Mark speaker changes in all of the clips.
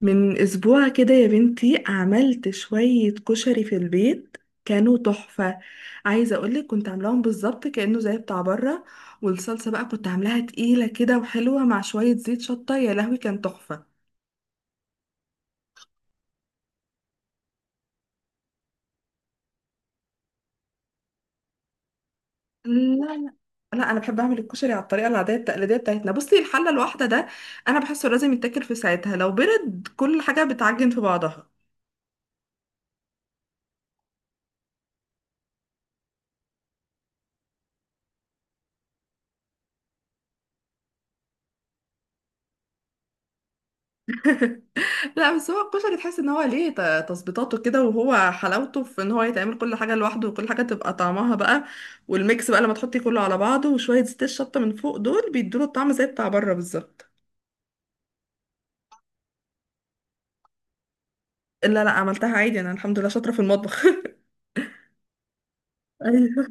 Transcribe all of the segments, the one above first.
Speaker 1: من اسبوع كده يا بنتي عملت شوية كشري في البيت. كانوا تحفة. عايزة اقولك كنت عاملاهم بالظبط كأنه زي بتاع بره. والصلصة بقى كنت عاملاها تقيلة كده وحلوة مع شوية زيت شطة، يا لهوي كان تحفة. لا، لا، لا، انا بحب اعمل الكشري على الطريقة العادية التقليدية بتاعتنا. بصي، الحلة الواحدة ده انا بحسه لازم يتاكل في ساعتها، لو برد كل حاجة بتعجن في بعضها. لا بس هو الكشري تحس ان هو ليه تظبيطاته كده، وهو حلاوته في ان هو يتعمل كل حاجه لوحده وكل حاجه تبقى طعمها بقى. والميكس بقى لما تحطي كله على بعضه وشويه زيت الشطه من فوق دول بيدوله الطعم زي بتاع بره بالظبط. لا، لا عملتها عادي، انا الحمد لله شاطره في المطبخ ايوه.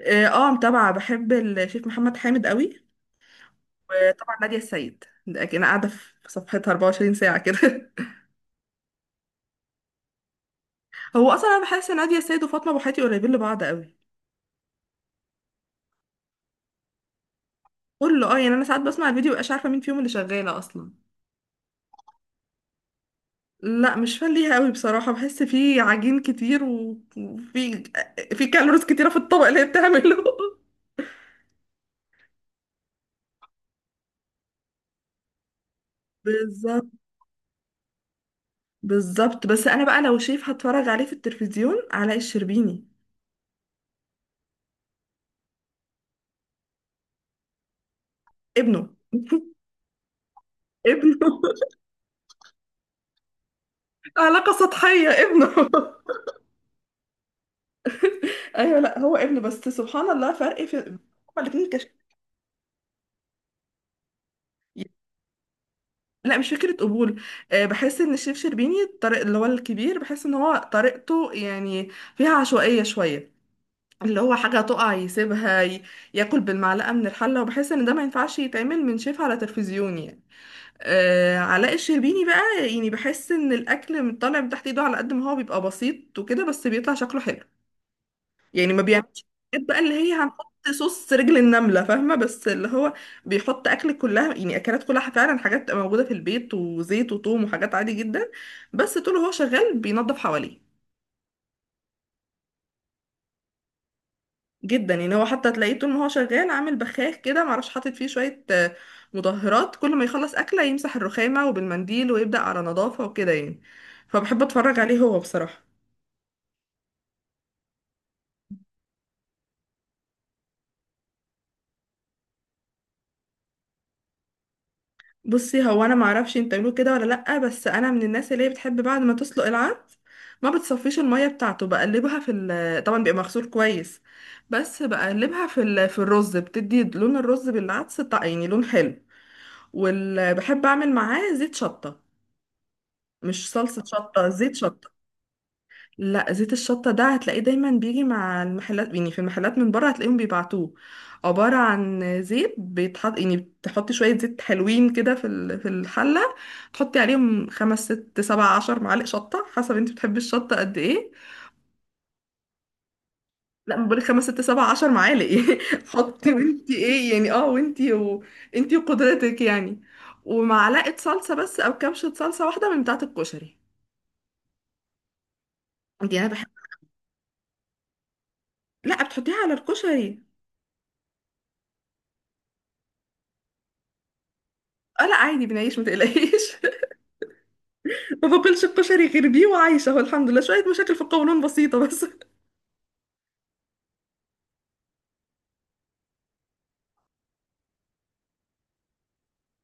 Speaker 1: اه متابعه، بحب الشيف محمد حامد قوي. وطبعا ناديه السيد ده اكيد انا قاعده في صفحتها 24 ساعه كده. هو اصلا انا بحس ان ناديه السيد وفاطمه ابو حياتي قريبين لبعض قوي. كله اه يعني انا ساعات بسمع الفيديو مبقاش عارفه مين فيهم اللي شغاله اصلا. لا مش فان ليها قوي بصراحة، بحس فيه عجين كتير وفي في كالوريز كتيرة في الطبق اللي هي بتعمله. بالظبط، بالظبط. بس انا بقى لو شيف هتفرج عليه في التلفزيون، علاء الشربيني. ابنه. ابنه. علاقة سطحية، ابنه. ايوه، لا هو ابنه، بس سبحان الله فرق في هما الاتنين كش... لا مش فكرة قبول. أه، بحس ان الشيف شربيني الطريق اللي هو الكبير بحس ان هو طريقته يعني فيها عشوائية شوية. اللي هو حاجة تقع يسيبها ياكل بالمعلقة من الحلة. وبحس ان ده ما ينفعش يتعمل من شيف على تلفزيون يعني. آه، علاء الشربيني بقى يعني بحس ان الاكل من طالع من تحت ايده على قد ما هو بيبقى بسيط وكده بس بيطلع شكله حلو يعني. ما بيعملش حاجات بقى اللي هي هنحط صوص رجل النملة، فاهمة؟ بس اللي هو بيحط اكل كلها يعني اكلات كلها فعلا حاجات موجودة في البيت وزيت وثوم وحاجات عادي جدا. بس طول هو شغال بينظف حواليه. جدا يعني، هو حتى تلاقيه طول ما هو شغال عامل بخاخ كده معرفش حاطط فيه شوية مطهرات. كل ما يخلص أكلة يمسح الرخامة وبالمنديل ويبدأ على نظافة وكده يعني. فبحب أتفرج عليه هو بصراحة. بصي، هو أنا معرفش انت بتعملوه كده ولا لأ، بس أنا من الناس اللي هي بتحب بعد ما تسلق العدس ما بتصفيش المية بتاعته، بقلبها في ال، طبعا بيبقى مغسول كويس، بس بقلبها في ال... في الرز، بتدي لون الرز بالعدس يعني لون حلو. وبحب أعمل معاه زيت شطة، مش صلصة شطة، زيت شطة. لا زيت الشطة ده هتلاقيه دايما بيجي مع المحلات، يعني في المحلات من بره هتلاقيهم بيبعتوه. عبارة عن زيت بيتحط، يعني بتحطي شوية زيت حلوين كده في في الحلة، تحطي عليهم خمس ست سبع عشر معالق شطة حسب انت بتحبي الشطة قد ايه. لا، ما بقولك خمس ست سبع عشر معالق. حطي وانتي ايه يعني، اه وانتي وقدرتك يعني. ومعلقة صلصة بس او كبشة صلصة واحدة من بتاعة الكشري. دي انا بحب. لا بتحطيها على الكشري. اه لا عادي بنعيش، ما تقلقيش. ما باكلش الكشري غير بيه وعايشه، هو الحمد لله شويه مشاكل في القولون بسيطه بس.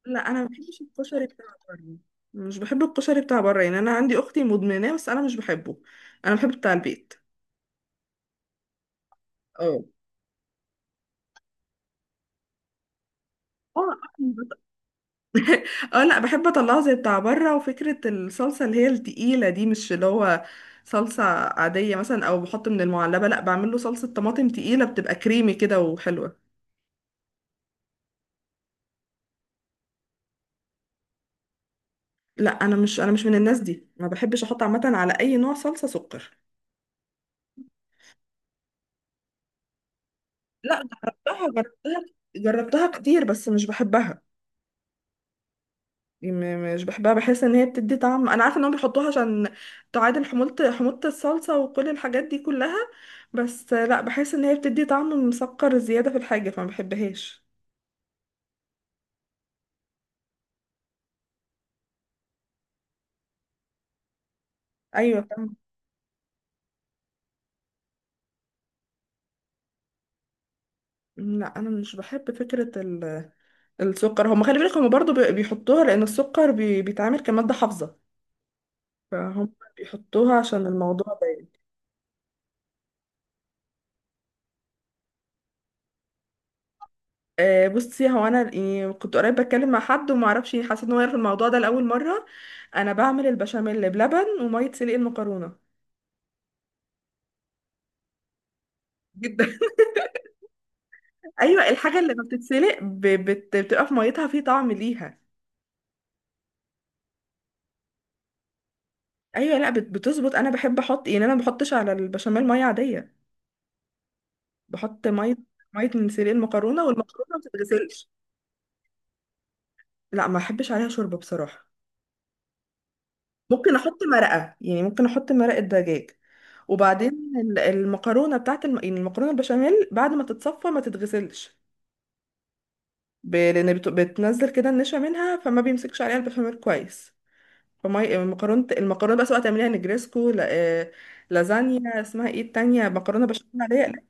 Speaker 1: لا انا ما بحبش الكشري بتاع بره. مش بحب الكشري بتاع بره، يعني انا عندي اختي مدمناه بس انا مش بحبه. انا بحب بتاع البيت. اه. اه اه لا بحب اطلعه زي بتاع بره، وفكره الصلصه اللي هي التقيله دي مش اللي هو صلصه عاديه مثلا او بحط من المعلبه، لا بعمل له صلصه طماطم تقيله بتبقى كريمي كده وحلوه. لا انا مش من الناس دي، ما بحبش احط عامه على اي نوع صلصه سكر. لا جربتها جربتها كتير بس مش بحبها. يعني مش بحبها، بحس ان هي بتدي طعم. انا عارفه انهم بيحطوها عشان تعادل حموضه الصلصه وكل الحاجات دي كلها، بس لا بحس ان هي بتدي طعم مسكر زياده في الحاجه فما بحبهاش. ايوه، فاهمة. لا انا مش بحب فكره السكر. هم خلي بالك، هم برضو بيحطوها لان السكر بيتعامل كماده حافظه، فهم بيحطوها عشان الموضوع ده. بصي هو انا يعني كنت قريب بتكلم مع حد وما اعرفش حسيت ان هو يعرف الموضوع ده لاول مره. انا بعمل البشاميل بلبن وميه سلق المكرونه. جدا. ايوه، الحاجه اللي ما بتتسلق بتبقى في ميتها في طعم ليها. ايوه، لا بتظبط. انا بحب احط يعني انا ما بحطش على البشاميل ميه عاديه. بحط ميه من سلق المكرونه، والمكرونه ما بتتغسلش. لا ما بحبش عليها شوربه بصراحه. ممكن احط مرقه، يعني ممكن احط مرقه دجاج. وبعدين المكرونه بتاعت الم... يعني المكرونه البشاميل بعد ما تتصفى ما تتغسلش. ب... لان بت... بتنزل كده النشا منها فما بيمسكش عليها البشاميل كويس. فما المكرونه بس بقى سواء تعمليها نجريسكو ل... لازانيا، اسمها ايه التانية مكرونه بشاميل عليها أقلام.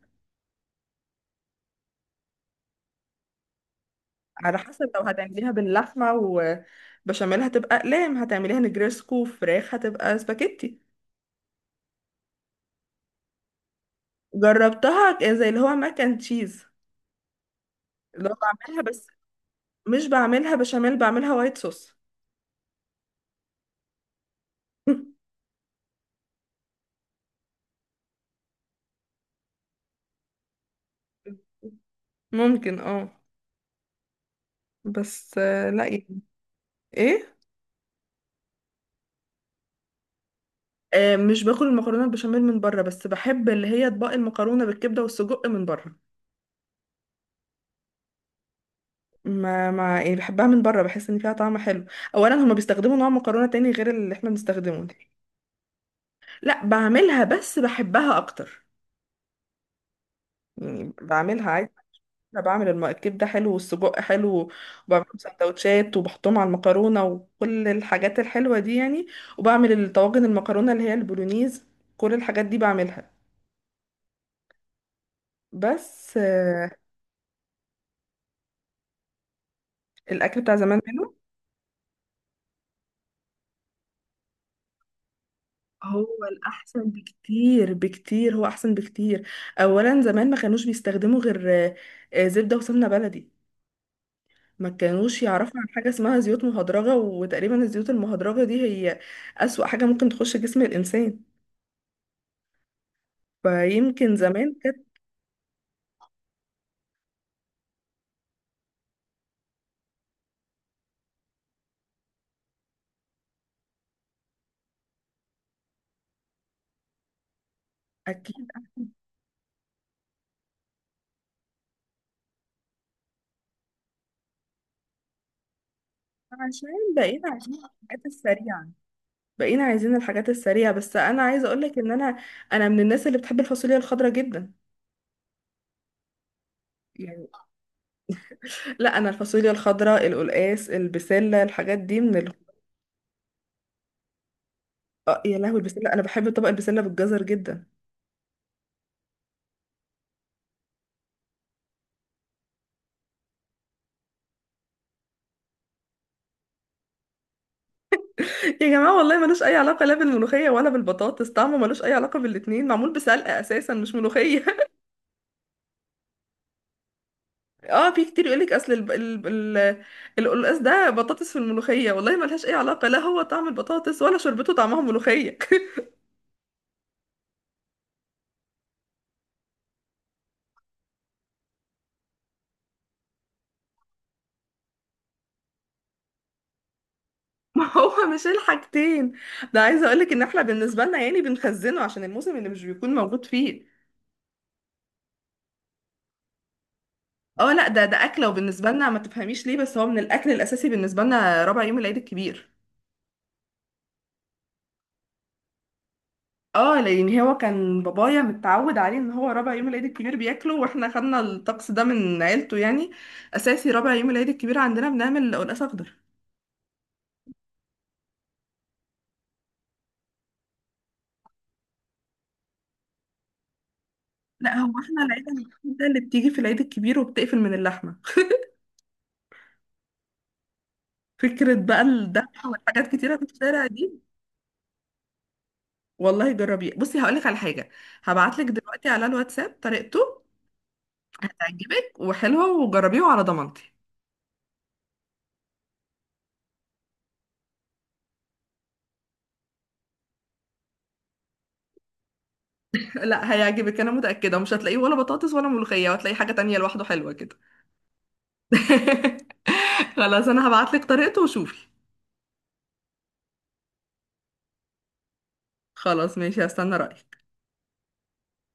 Speaker 1: على حسب لو هتعمليها باللحمه وبشاميل هتبقى اقلام، هتعمليها نجريسكو فراخ هتبقى سباكيتي. جربتها زي اللي هو ماك اند تشيز، اللي هو بعملها بس مش بعملها بشاميل، بعملها وايت صوص. ممكن اه. بس لا يعني. ايه مش باكل المكرونه البشاميل من بره، بس بحب اللي هي اطباق المكرونه بالكبده والسجق من بره. ما يعني بحبها من بره، بحس ان فيها طعم حلو. اولا هما بيستخدموا نوع مكرونه تاني غير اللي احنا بنستخدمه ده. لا بعملها، بس بحبها اكتر. يعني بعملها عادي. انا بعمل الكبده حلو والسجق حلو. وبعمل سندوتشات وبحطهم على المكرونه وكل الحاجات الحلوه دي يعني. وبعمل الطواجن المكرونه اللي هي البولونيز، كل الحاجات دي بعملها. بس الاكل بتاع زمان منه هو الاحسن بكتير بكتير، هو احسن بكتير. اولا زمان ما كانوش بيستخدموا غير زبده وسمنه بلدي. ما كانوش يعرفوا عن حاجه اسمها زيوت مهدرجه، وتقريبا الزيوت المهدرجه دي هي اسوأ حاجه ممكن تخش جسم الانسان. فيمكن زمان كانت اكيد. عشان بقينا عايزين الحاجات السريعه. بس انا عايزه اقول لك ان انا من الناس اللي بتحب الفاصوليا الخضراء جدا يعني. لا انا الفاصوليا الخضراء، القلقاس، البسله، الحاجات دي من ال... يا لهوي البسله انا بحب طبق البسله بالجزر جدا. يا جماعه والله ملوش اي علاقه لا بالملوخيه ولا بالبطاطس، طعمه ملوش اي علاقه بالاتنين، معمول بسلقه اساسا مش ملوخيه. اه في كتير يقولك اصل ال... القلقاس ده بطاطس في الملوخيه، والله ملهاش اي علاقه، لا هو طعم البطاطس ولا شربته طعمها ملوخيه. ما هو مش الحاجتين. ده عايزه اقولك ان احنا بالنسبه لنا يعني بنخزنه عشان الموسم اللي مش بيكون موجود فيه اه لا ده اكله، وبالنسبه لنا ما تفهميش ليه، بس هو من الاكل الاساسي بالنسبه لنا ربع يوم العيد الكبير. اه لان هو كان بابايا متعود عليه، ان هو ربع يوم العيد الكبير بياكله، واحنا خدنا الطقس ده من عيلته يعني. اساسي ربع يوم العيد الكبير عندنا بنعمل قلقاس اخضر. لا هو احنا العيله الوحيده اللي بتيجي في العيد الكبير وبتقفل من اللحمه، فكره بقى الذبح والحاجات كتيره في الشارع دي. والله جربيه، بصي هقولك على حاجه، هبعتلك دلوقتي على الواتساب طريقته. هتعجبك وحلوه، وجربيه على ضمانتي. لا هيعجبك، انا متاكده ومش هتلاقيه ولا بطاطس ولا ملوخيه، وهتلاقي حاجه تانية لوحده حلوه كده. خلاص انا هبعتلك طريقته وشوفي. خلاص ماشي هستنى رايك.